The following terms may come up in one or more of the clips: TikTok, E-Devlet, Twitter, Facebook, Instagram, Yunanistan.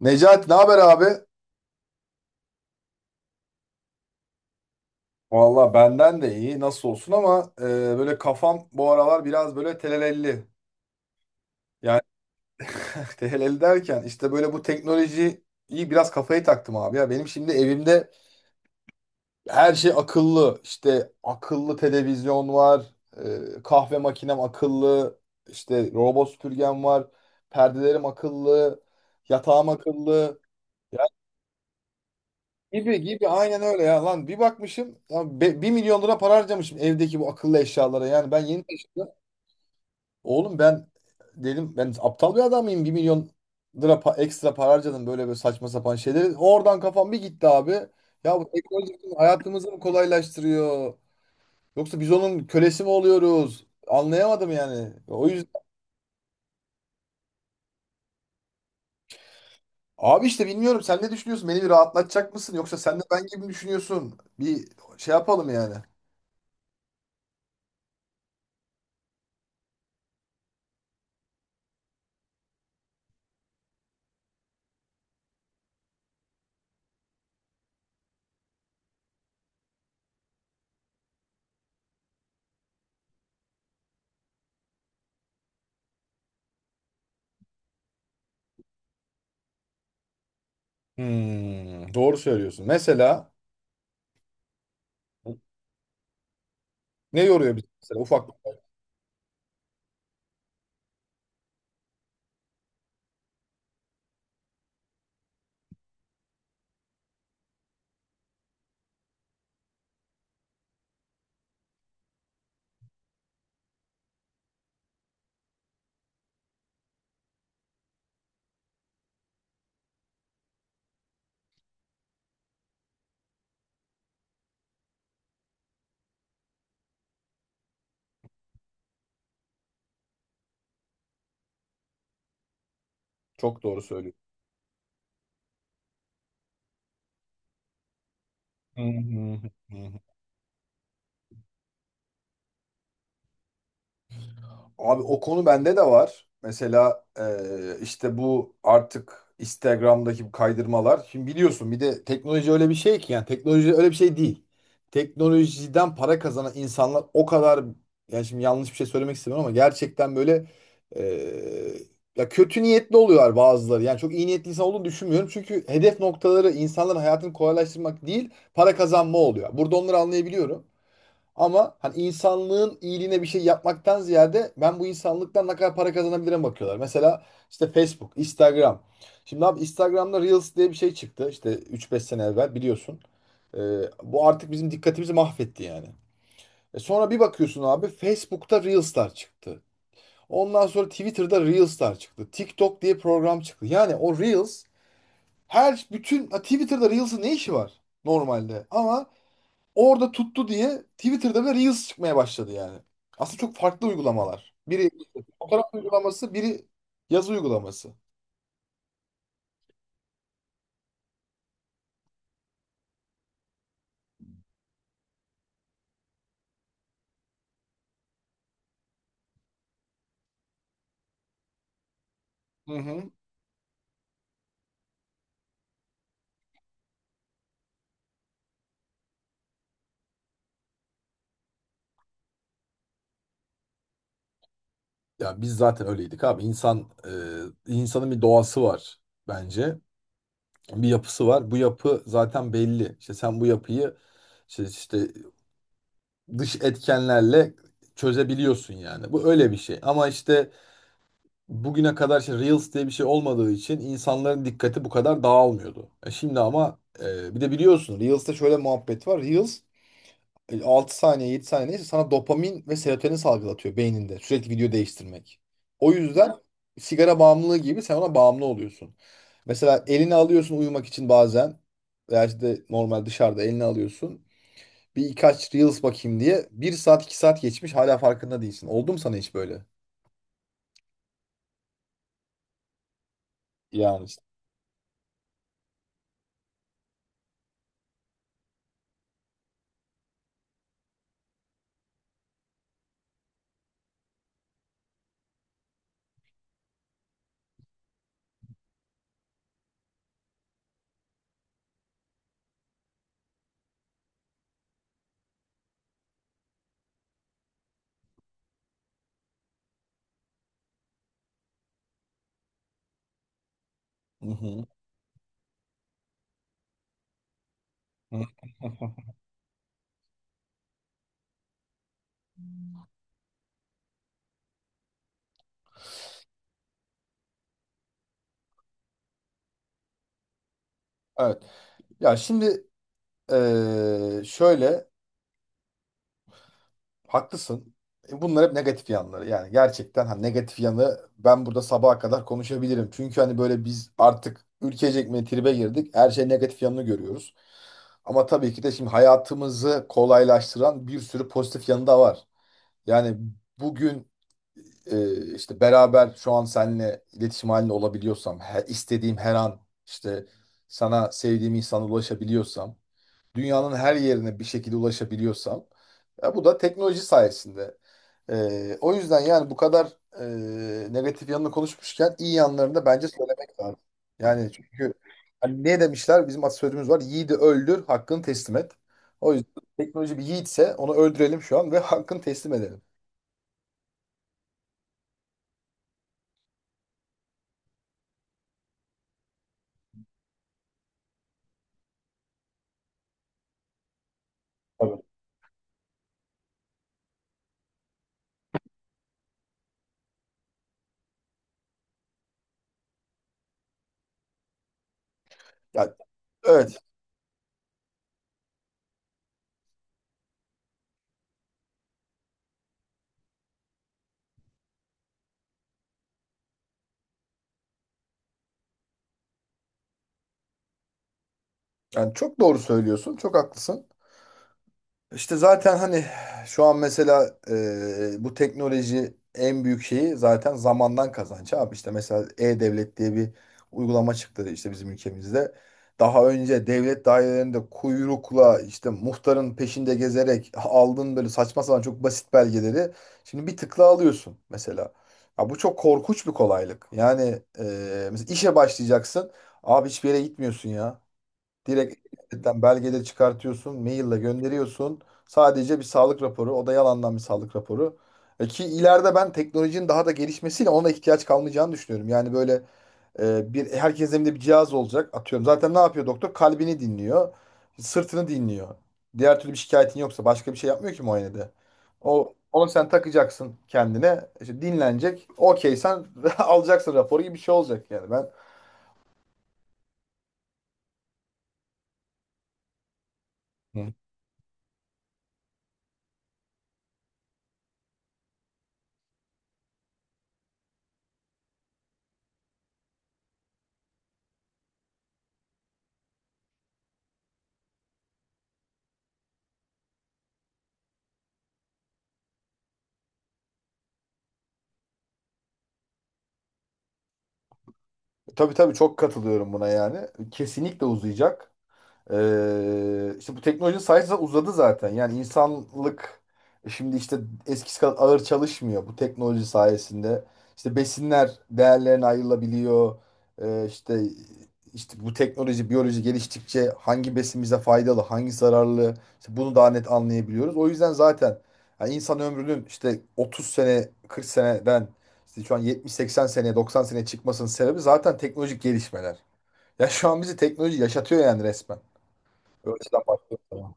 Necati ne haber abi? Valla benden de iyi nasıl olsun ama böyle kafam bu aralar biraz böyle telelelli. Yani telelelli derken işte böyle bu teknolojiyi biraz kafayı taktım abi ya. Benim şimdi evimde her şey akıllı. İşte akıllı televizyon var, kahve makinem akıllı, işte robot süpürgem var, perdelerim akıllı, yatağım akıllı. Gibi gibi aynen öyle ya lan bir bakmışım ya 1 milyon lira para harcamışım evdeki bu akıllı eşyalara yani ben yeni taşındım. Oğlum ben dedim ben aptal bir adam mıyım 1 milyon lira ekstra para harcadım böyle böyle saçma sapan şeyleri. Oradan kafam bir gitti abi. Ya bu teknoloji bizim hayatımızı mı kolaylaştırıyor yoksa biz onun kölesi mi oluyoruz? Anlayamadım yani. O yüzden abi işte bilmiyorum sen ne düşünüyorsun, beni bir rahatlatacak mısın yoksa sen de ben gibi mi düşünüyorsun? Bir şey yapalım yani. Hmm, doğru söylüyorsun. Mesela ne yoruyor bizi mesela ufak bir olay? Çok doğru söylüyorsun. Hı hı hı. Abi o konu bende de var. Mesela işte bu artık Instagram'daki bu kaydırmalar. Şimdi biliyorsun bir de teknoloji öyle bir şey ki, yani teknoloji öyle bir şey değil. Teknolojiden para kazanan insanlar o kadar, yani şimdi yanlış bir şey söylemek istemiyorum ama gerçekten böyle eee, ya kötü niyetli oluyorlar bazıları. Yani çok iyi niyetli insan olduğunu düşünmüyorum. Çünkü hedef noktaları insanların hayatını kolaylaştırmak değil, para kazanma oluyor. Burada onları anlayabiliyorum. Ama hani insanlığın iyiliğine bir şey yapmaktan ziyade ben bu insanlıktan ne kadar para kazanabilirim bakıyorlar. Mesela işte Facebook, Instagram. Şimdi abi Instagram'da Reels diye bir şey çıktı, işte üç beş sene evvel biliyorsun. Ee, Bu artık bizim dikkatimizi mahvetti yani. E sonra bir bakıyorsun abi Facebook'ta Reels'lar çıktı. Ondan sonra Twitter'da Reels'lar çıktı. TikTok diye program çıktı. Yani o Reels her bütün ha, Twitter'da Reels'ın ne işi var normalde? Ama orada tuttu diye Twitter'da bile Reels çıkmaya başladı yani. Aslında çok farklı uygulamalar. Biri fotoğraf uygulaması, biri yazı uygulaması. Hı hı. Ya biz zaten öyleydik abi. İnsanın bir doğası var bence. Bir yapısı var. Bu yapı zaten belli. İşte sen bu yapıyı işte dış etkenlerle çözebiliyorsun yani. Bu öyle bir şey. Ama işte bugüne kadar işte Reels diye bir şey olmadığı için insanların dikkati bu kadar dağılmıyordu. Şimdi ama bir de biliyorsun Reels'te şöyle muhabbet var. Reels 6 saniye 7 saniye neyse sana dopamin ve serotonin salgılatıyor beyninde sürekli video değiştirmek. O yüzden sigara bağımlılığı gibi sen ona bağımlı oluyorsun. Mesela elini alıyorsun uyumak için bazen veya işte normal dışarıda elini alıyorsun. Bir birkaç Reels bakayım diye bir saat 2 saat geçmiş hala farkında değilsin. Oldu mu sana hiç böyle? Yani işte. Hı hı. Hı. Evet. Ya şimdi şöyle haklısın. Bunlar hep negatif yanları. Yani gerçekten ha negatif yanı, ben burada sabaha kadar konuşabilirim. Çünkü hani böyle biz artık ülkecek mi tribe girdik. Her şey negatif yanını görüyoruz. Ama tabii ki de şimdi hayatımızı kolaylaştıran bir sürü pozitif yanı da var. Yani bugün işte beraber şu an seninle iletişim halinde olabiliyorsam, her, istediğim her an işte sana, sevdiğim insana ulaşabiliyorsam, dünyanın her yerine bir şekilde ulaşabiliyorsam, ya bu da teknoloji sayesinde. O yüzden yani bu kadar negatif yanını konuşmuşken iyi yanlarını da bence söylemek lazım. Yani çünkü hani ne demişler, bizim atasözümüz var: yiğidi öldür hakkını teslim et. O yüzden teknoloji bir yiğitse onu öldürelim şu an ve hakkını teslim edelim. Tabii. Yani, evet, yani çok doğru söylüyorsun, çok haklısın. İşte zaten hani şu an mesela bu teknoloji en büyük şeyi zaten zamandan kazanç abi. İşte mesela E-Devlet diye bir uygulama çıktı işte bizim ülkemizde. Daha önce devlet dairelerinde kuyrukla işte muhtarın peşinde gezerek aldığın böyle saçma sapan çok basit belgeleri şimdi bir tıkla alıyorsun mesela. Ya bu çok korkunç bir kolaylık. Yani mesela işe başlayacaksın. Abi hiçbir yere gitmiyorsun ya. Direkt internetten belgede çıkartıyorsun, maille gönderiyorsun. Sadece bir sağlık raporu, o da yalandan bir sağlık raporu. E ki ileride ben teknolojinin daha da gelişmesiyle ona ihtiyaç kalmayacağını düşünüyorum. Yani böyle bir herkesin evinde bir cihaz olacak. Atıyorum zaten ne yapıyor doktor? Kalbini dinliyor, sırtını dinliyor. Diğer türlü bir şikayetin yoksa başka bir şey yapmıyor ki muayenede. O onu sen takacaksın kendine. İşte dinlenecek. Okey sen alacaksın raporu gibi bir şey olacak yani ben. Tabii tabii, çok katılıyorum buna yani. Kesinlikle uzayacak. İşte bu teknoloji sayesinde uzadı zaten. Yani insanlık şimdi işte eskisi kadar ağır çalışmıyor bu teknoloji sayesinde. İşte besinler değerlerine ayrılabiliyor. İşte işte bu teknoloji, biyoloji geliştikçe hangi besin bize faydalı, hangi zararlı, işte bunu daha net anlayabiliyoruz. O yüzden zaten yani insan ömrünün işte 30 sene, 40 seneden işte şu an 70-80 sene, 90 sene çıkmasının sebebi zaten teknolojik gelişmeler. Ya şu an bizi teknoloji yaşatıyor yani, resmen. O yüzden başlıyor, tamam.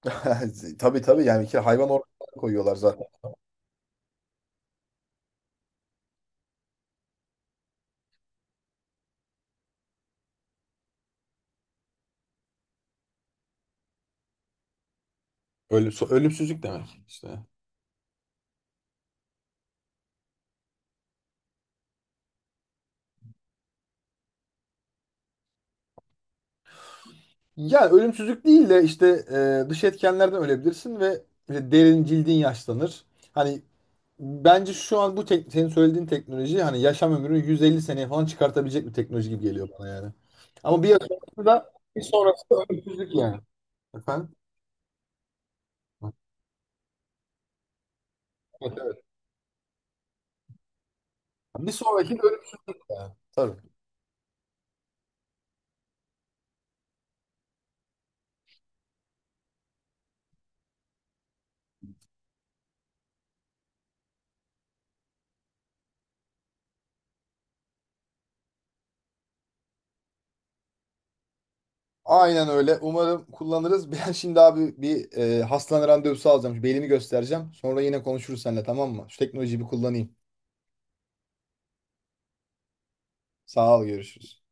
Tabii tabii yani ki hayvan organına koyuyorlar zaten. Ölüm, ölümsüzlük demek işte. Yani ölümsüzlük değil de işte dış etkenlerden ölebilirsin ve işte derin cildin yaşlanır. Hani bence şu an bu senin söylediğin teknoloji hani yaşam ömrünü 150 seneye falan çıkartabilecek bir teknoloji gibi geliyor bana yani. Ama bir sonrası da bir sonrası da ölümsüzlük yani. Efendim? Evet, evet. Bir sonraki de ölümsüzlük yani. Tabii. Aynen öyle. Umarım kullanırız. Ben şimdi abi bir hastane randevusu alacağım. Şu belimi göstereceğim. Sonra yine konuşuruz seninle, tamam mı? Şu teknolojiyi bir kullanayım. Sağ ol, görüşürüz.